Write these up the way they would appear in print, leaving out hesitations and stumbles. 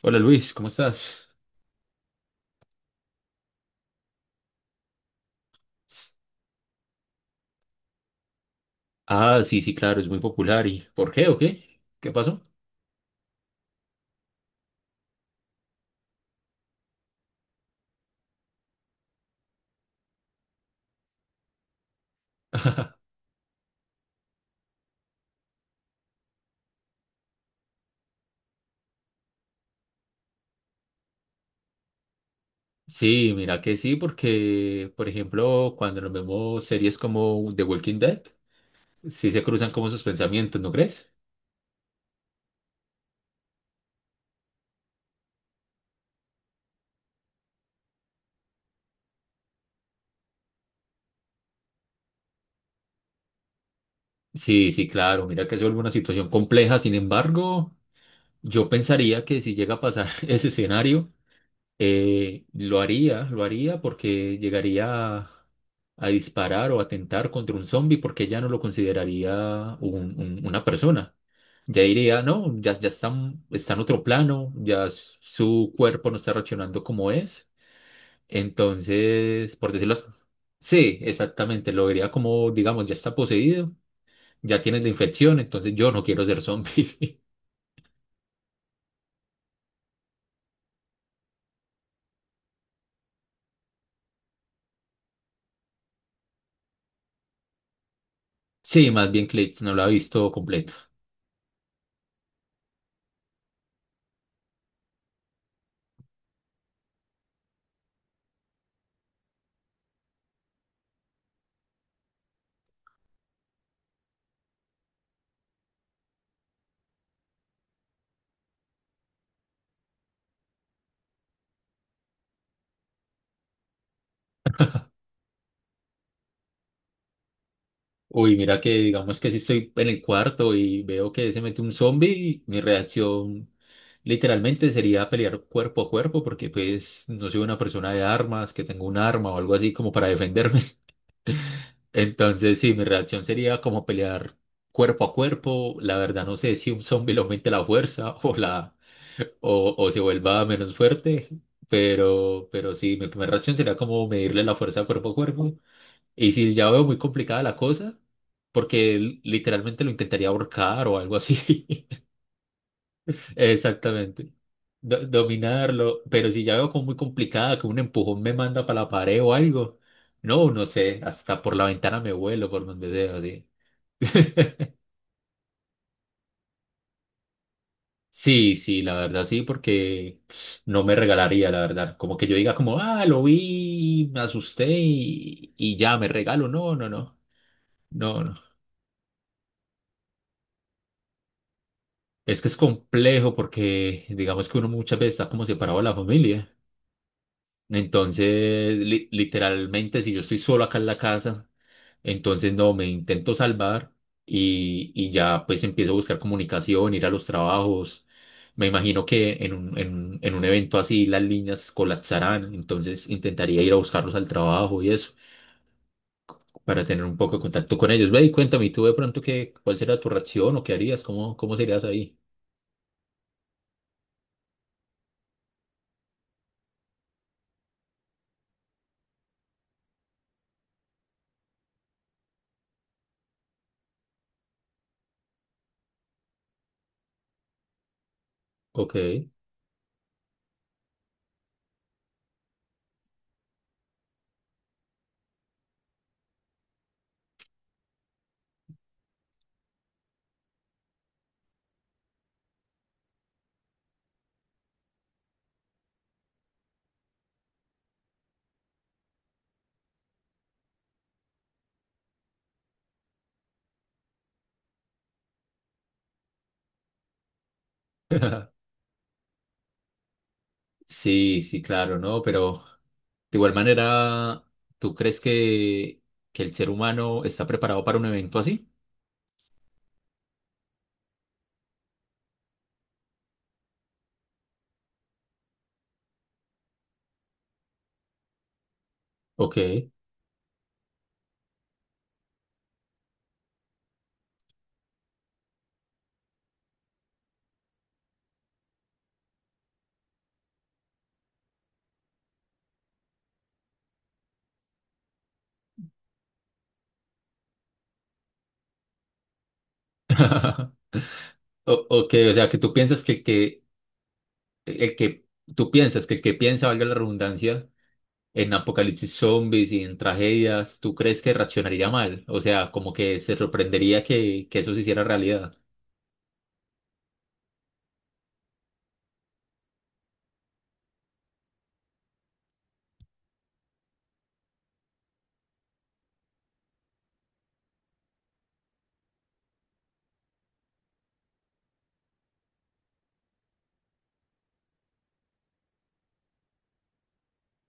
Hola Luis, ¿cómo estás? Ah, sí, sí, claro, es muy popular. ¿Y por qué o qué? ¿Qué pasó? Sí, mira que sí, porque, por ejemplo, cuando nos vemos series como The Walking Dead, sí se cruzan como sus pensamientos, ¿no crees? Sí, sí, claro, mira que es una situación compleja. Sin embargo, yo pensaría que si llega a pasar ese escenario, lo haría porque llegaría a disparar o atentar contra un zombie porque ya no lo consideraría una persona. Ya diría, no, ya, ya están, está en otro plano, su cuerpo no está reaccionando como es. Entonces, por decirlo así, sí, exactamente, lo vería como, digamos, ya está poseído, ya tienes la infección, entonces yo no quiero ser zombie. Sí, más bien Clits no lo ha visto completo. Uy, mira que digamos que si estoy en el cuarto y veo que se mete un zombie, mi reacción literalmente sería pelear cuerpo a cuerpo porque pues no soy una persona de armas, que tengo un arma o algo así como para defenderme. Entonces sí, mi reacción sería como pelear cuerpo a cuerpo. La verdad no sé si un zombie le aumente la fuerza o se vuelva menos fuerte, pero sí, mi primera reacción sería como medirle la fuerza cuerpo a cuerpo. Y si ya veo muy complicada la cosa, porque literalmente lo intentaría ahorcar o algo así. Exactamente. Dominarlo. Pero si ya veo como muy complicada, que un empujón me manda para la pared o algo. No, no sé. Hasta por la ventana me vuelo, por donde sea, así. Sí, sí, la verdad sí, porque no me regalaría, la verdad. Como que yo diga como, ah, lo vi, me asusté y ya me regalo. No, no, no. No, no. Es que es complejo porque digamos que uno muchas veces está como separado de la familia. Entonces, literalmente, si yo estoy solo acá en la casa, entonces no, me intento salvar y ya pues empiezo a buscar comunicación, ir a los trabajos. Me imagino que en un evento así las líneas colapsarán, entonces intentaría ir a buscarlos al trabajo y eso, para tener un poco de contacto con ellos. Ve y cuéntame, ¿y tú de pronto qué, cuál será tu reacción o qué harías? ¿Cómo, cómo serías ahí? Ok. Sí, sí, claro, ¿no? Pero de igual manera, ¿tú crees que el ser humano está preparado para un evento así? Ok. O, ok, o sea, que tú piensas que el que, tú piensas que el que piensa, valga la redundancia, en apocalipsis zombies y en tragedias, ¿tú crees que reaccionaría mal? O sea, como que se sorprendería que eso se hiciera realidad.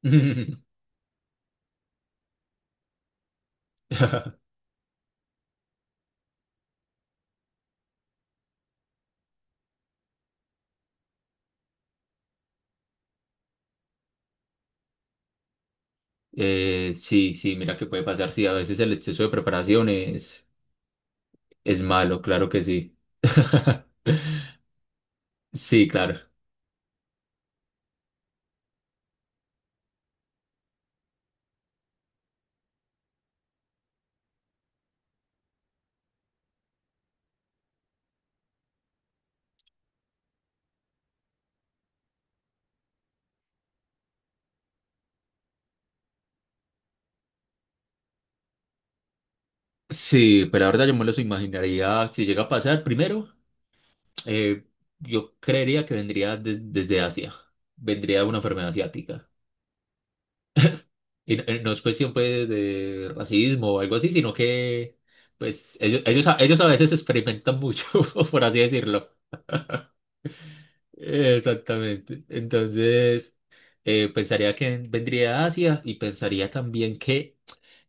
Sí, sí, mira que puede pasar, sí, a veces el exceso de preparaciones. Es malo, claro que sí. Sí, claro. Sí, pero la verdad yo me los imaginaría si llega a pasar. Primero, eh, yo creería que vendría desde Asia. Vendría una enfermedad asiática. Y no, no es cuestión pues de racismo o algo así, sino que pues ellos a veces experimentan mucho, por así decirlo. Exactamente. Entonces, pensaría que vendría de Asia y pensaría también que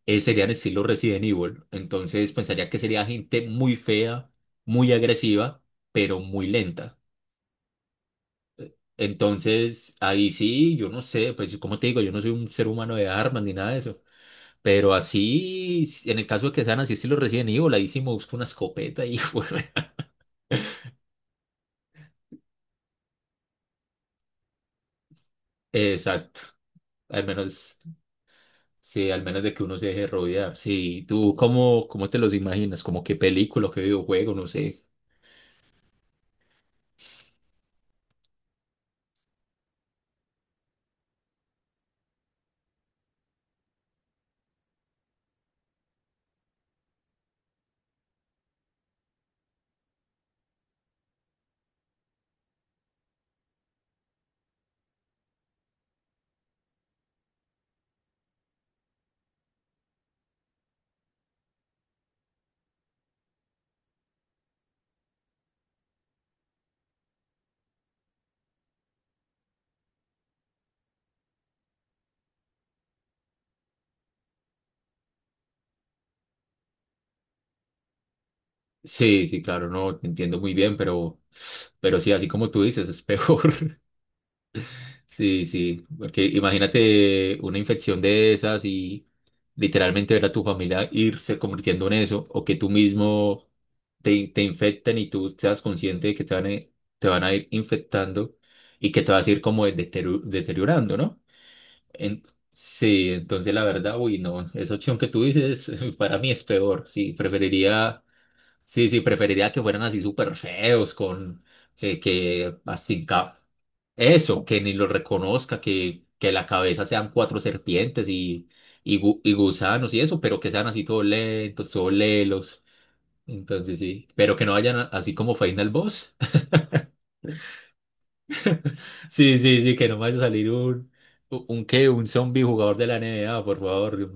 serían estilo Resident Evil. Entonces pensaría que sería gente muy fea, muy agresiva, pero muy lenta. Entonces ahí sí, yo no sé, pues como te digo, yo no soy un ser humano de armas ni nada de eso. Pero así, en el caso de que sean así estilo Resident Evil, ahí sí me busco una escopeta y bueno. Exacto. Al menos, sí, al menos de que uno se deje rodear. Sí, ¿tú cómo, cómo te los imaginas? ¿Como qué película, qué videojuego? No sé. Sí, sí, claro, no, te entiendo muy bien, pero sí, así como tú dices, es peor. Sí, sí, porque imagínate una infección de esas y literalmente ver a tu familia irse convirtiendo en eso, o que tú mismo te infecten y tú seas consciente de que te van a ir infectando y que te vas a ir como deteriorando, ¿no? En- sí, entonces la verdad, uy, no, esa opción que tú dices para mí es peor, sí, preferiría. Sí, sí, preferiría que fueran así súper feos, con que, que así, ca- eso, que ni los reconozca, que la cabeza sean cuatro serpientes y, y gusanos y eso, pero que sean así todos lentos, todos lelos. Entonces sí, pero que no vayan a- así como Final Boss. Sí, sí, sí, que no vaya a salir un zombie jugador de la NBA, por favor.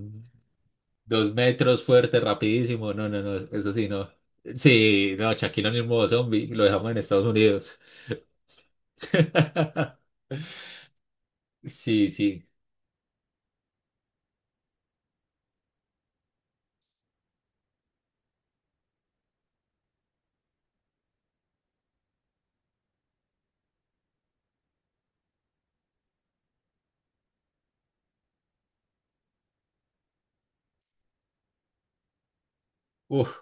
Dos metros fuerte, rapidísimo. No, no, no, eso sí, no. Sí, no, Shaquille O'Neal modo zombie, lo dejamos en Estados Unidos. Sí, sí. Uf.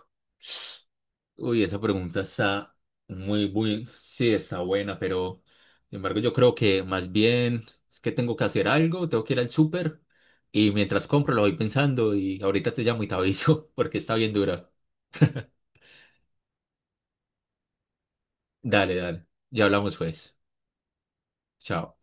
Uy, esa pregunta está muy, muy, sí, está buena, pero sin embargo yo creo que más bien es que tengo que hacer algo, tengo que ir al súper y mientras compro lo voy pensando y ahorita te llamo y te aviso porque está bien dura. Dale, dale. Ya hablamos pues. Chao.